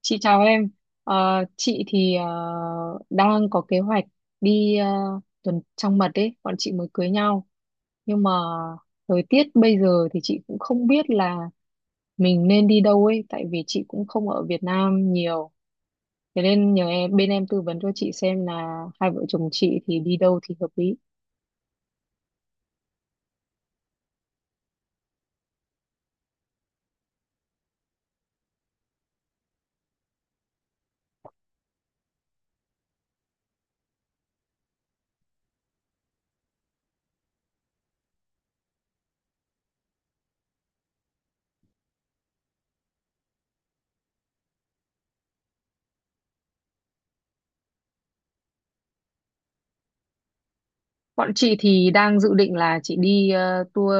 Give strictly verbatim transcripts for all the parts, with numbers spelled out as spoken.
Chị chào em. Ờ, chị thì ờ, đang có kế hoạch đi ờ, tuần trăng mật đấy, bọn chị mới cưới nhau. Nhưng mà thời tiết bây giờ thì chị cũng không biết là mình nên đi đâu ấy, tại vì chị cũng không ở Việt Nam nhiều. Thế nên nhờ em, bên em tư vấn cho chị xem là hai vợ chồng chị thì đi đâu thì hợp lý. Bọn chị thì đang dự định là chị đi ờ, tour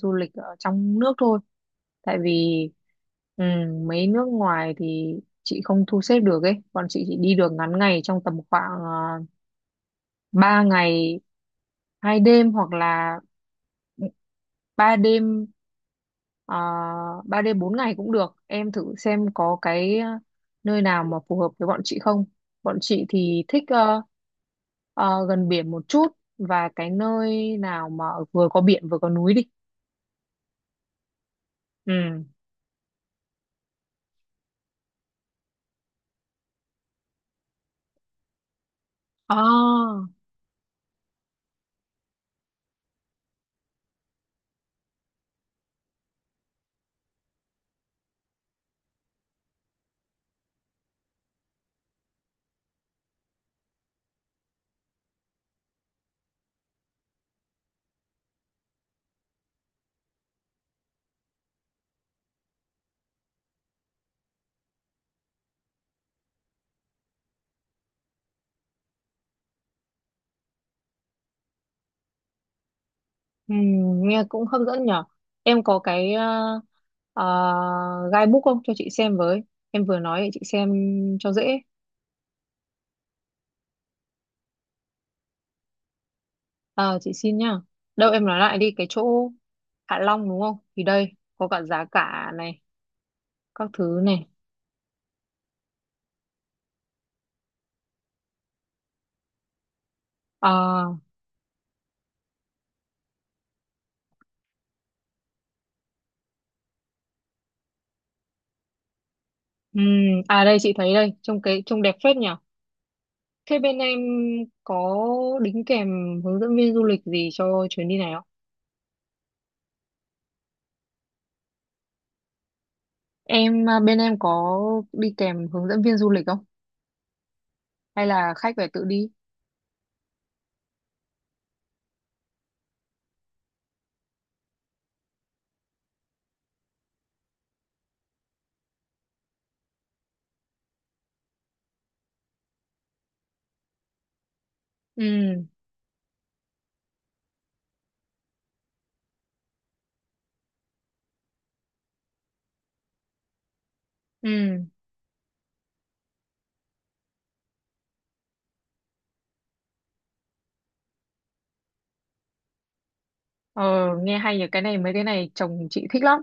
du lịch ở trong nước thôi. Tại vì ừ, mấy nước ngoài thì chị không thu xếp được ấy. Bọn chị chỉ đi được ngắn ngày trong tầm khoảng uh, ba ngày hai đêm hoặc là ba đêm uh, ba đêm bốn ngày cũng được. Em thử xem có cái ờ, nơi nào mà phù hợp với bọn chị không. Bọn chị thì thích ờ, ờ, gần biển một chút và cái nơi nào mà vừa có biển vừa có núi đi. Ừ. À, ừ, nghe cũng hấp dẫn nhở. Em có cái uh, uh, guidebook không cho chị xem với. Em vừa nói để chị xem cho dễ. Ờ, chị xin nhá. Đâu em nói lại đi cái chỗ Hạ Long đúng không? Thì đây có cả giá cả này, các thứ này. À, ừm, à đây chị thấy đây, trông cái trông đẹp phết nhở. Thế bên em có đính kèm hướng dẫn viên du lịch gì cho chuyến đi này không? Em à, bên em có đi kèm hướng dẫn viên du lịch không? Hay là khách phải tự đi? Ừ. Ừ. ờ, Nghe hay nhỉ, cái này mấy cái này chồng chị thích lắm,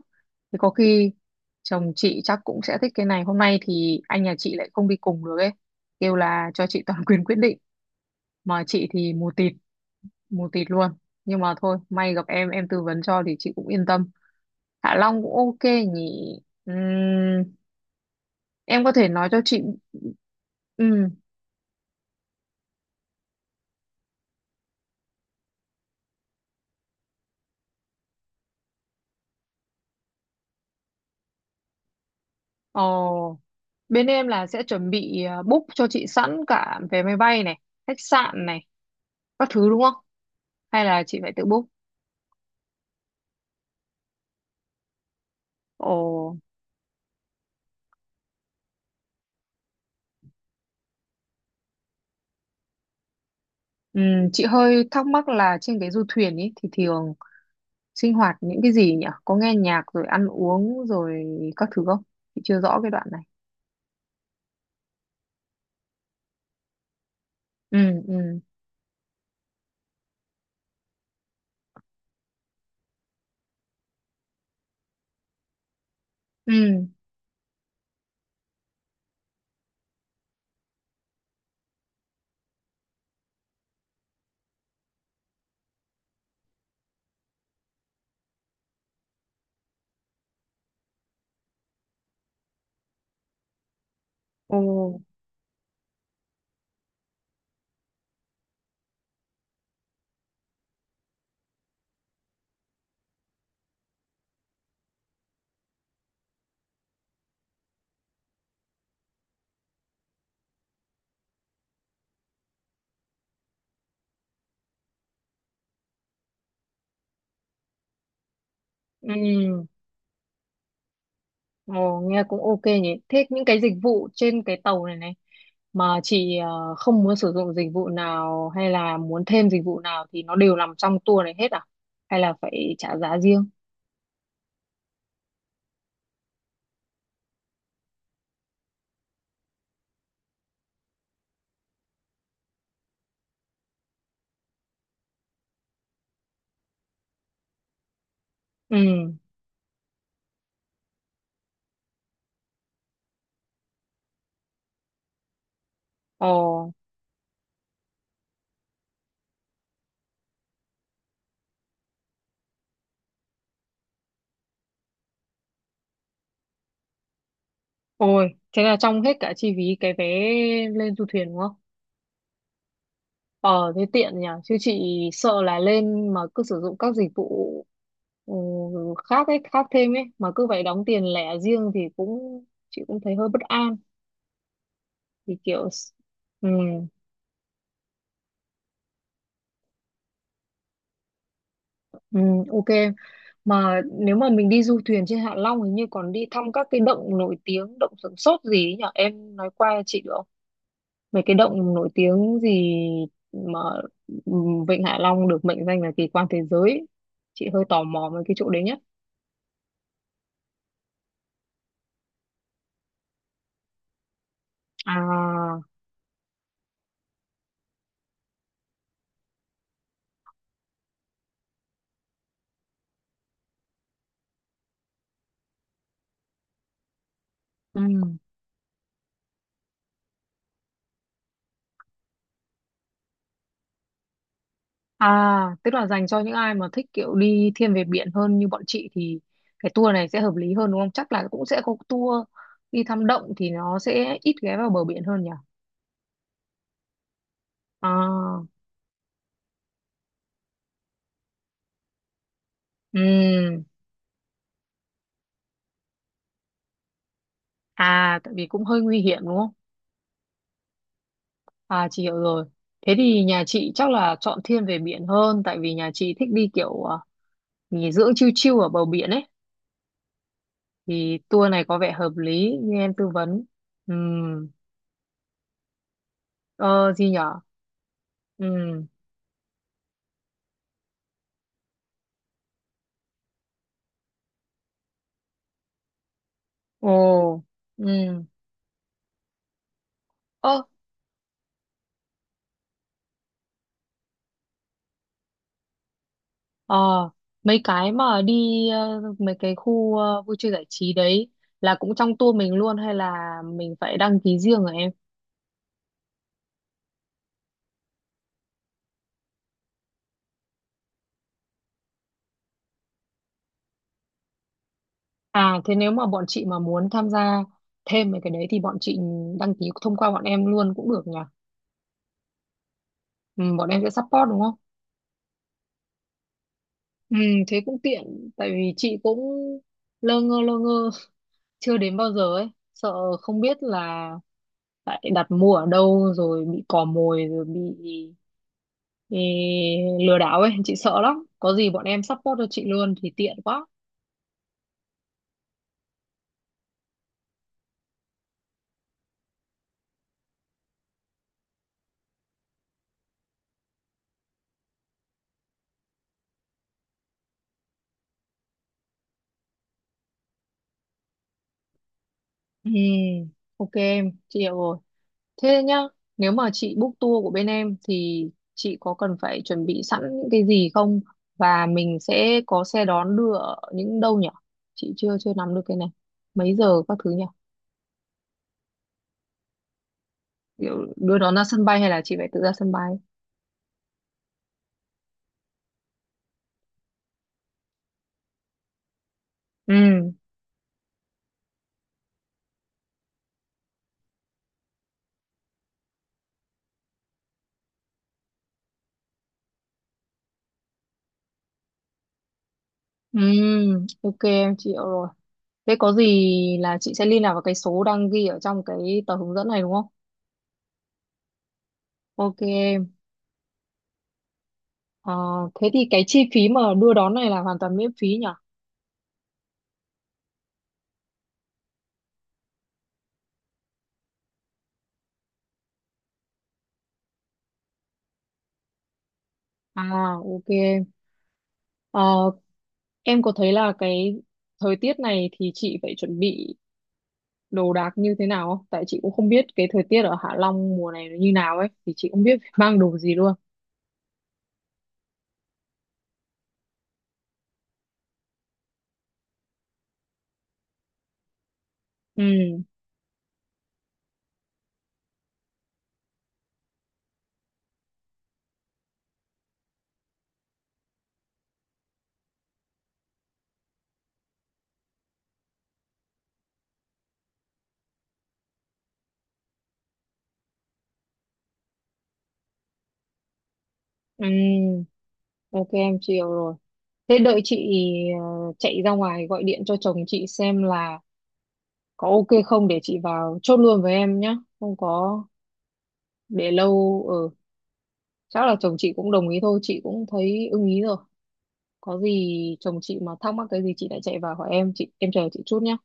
thì có khi chồng chị chắc cũng sẽ thích cái này. Hôm nay thì anh nhà chị lại không đi cùng được ấy, kêu là cho chị toàn quyền quyết định, mà chị thì mù tịt, mù tịt luôn. Nhưng mà thôi, may gặp em em tư vấn cho thì chị cũng yên tâm. Hạ Long cũng ok nhỉ. Ừm, em có thể nói cho chị. Ừm. Ồ, bên em là sẽ chuẩn bị à, book cho chị sẵn cả vé máy bay này, khách sạn này, các thứ đúng không? Hay là chị phải tự book? Ồ, ừm, chị hơi thắc mắc là trên cái du thuyền ấy thì thường sinh hoạt những cái gì nhỉ? Có nghe nhạc rồi ăn uống rồi các thứ không? Chị chưa rõ cái đoạn này. Ừ. Ừ. Ừ. Ồ. Ừ. Ồ, nghe cũng ok nhỉ. Thế những cái dịch vụ trên cái tàu này này mà chị ờ, không muốn sử dụng dịch vụ nào, hay là muốn thêm dịch vụ nào, thì nó đều nằm trong tour này hết à, hay là phải trả giá riêng? Ừ. Ồ. Ôi thế là trong hết cả chi phí cái vé lên du thuyền đúng không? Ờ thế tiện nhỉ, chứ chị sợ là lên mà cứ sử dụng các dịch vụ, ừ, khác ấy, khác thêm ấy, mà cứ phải đóng tiền lẻ riêng thì cũng, chị cũng thấy hơi bất an. Thì kiểu, ừ. Ừ, ok. Mà nếu mà mình đi du thuyền trên Hạ Long hình như còn đi thăm các cái động nổi tiếng, động Sửng Sốt gì ấy nhỉ, em nói qua chị được không, mấy cái động nổi tiếng gì mà, ừ, Vịnh Hạ Long được mệnh danh là kỳ quan thế giới ấy. Chị hơi tò mò về cái chỗ đấy nhé. À. Ừ. À tức là dành cho những ai mà thích kiểu đi thiên về biển hơn như bọn chị thì cái tour này sẽ hợp lý hơn đúng không? Chắc là cũng sẽ có tour đi thăm động thì nó sẽ ít ghé vào bờ biển hơn nhỉ. À. Ừ. À tại vì cũng hơi nguy hiểm đúng không? À chị hiểu rồi. Thế thì nhà chị chắc là chọn thiên về biển hơn, tại vì nhà chị thích đi kiểu à, nghỉ dưỡng chill chill ở bờ biển ấy, thì tour này có vẻ hợp lý như em tư vấn. Ừ, ờ gì nhở? Ừ. Ồ. Ừ. Ơ. ờ, Mấy cái mà đi ờ, mấy cái khu ờ, vui chơi giải trí đấy là cũng trong tour mình luôn hay là mình phải đăng ký riêng rồi em? À thế nếu mà bọn chị mà muốn tham gia thêm mấy cái đấy thì bọn chị đăng ký thông qua bọn em luôn cũng được nhỉ? Ừ, bọn em sẽ support đúng không? Ừ, thế cũng tiện, tại vì chị cũng lơ ngơ lơ ngơ chưa đến bao giờ ấy, sợ không biết là lại đặt mua ở đâu rồi bị cò mồi rồi bị, ê, lừa đảo ấy, chị sợ lắm. Có gì bọn em support cho chị luôn thì tiện quá. Ừ, ok em, chị hiểu rồi. Thế nhá, nếu mà chị book tour của bên em thì chị có cần phải chuẩn bị sẵn những cái gì không? Và mình sẽ có xe đón đưa ở những đâu nhỉ? Chị chưa chưa nắm được cái này. Mấy giờ các thứ nhỉ? Kiểu đưa đón ra sân bay hay là chị phải tự ra sân bay? Ừ. Ừ, ok em chịu rồi. Thế có gì là chị sẽ liên lạc vào cái số đang ghi ở trong cái tờ hướng dẫn này đúng không? Ok em. Ờ, thế thì cái chi phí mà đưa đón này là hoàn toàn miễn phí nhỉ? À, ok. Ờ, em có thấy là cái thời tiết này thì chị phải chuẩn bị đồ đạc như thế nào không? Tại chị cũng không biết cái thời tiết ở Hạ Long mùa này nó như nào ấy, thì chị không biết phải mang đồ gì luôn. Ừ. Ừ, ok em chịu rồi. Thế đợi chị ờ, chạy ra ngoài gọi điện cho chồng chị xem là có ok không để chị vào chốt luôn với em nhá. Không có để lâu, ừ. Chắc là chồng chị cũng đồng ý thôi, chị cũng thấy ưng ý rồi. Có gì chồng chị mà thắc mắc cái gì chị lại chạy vào hỏi em, chị em chờ chị chút nhá.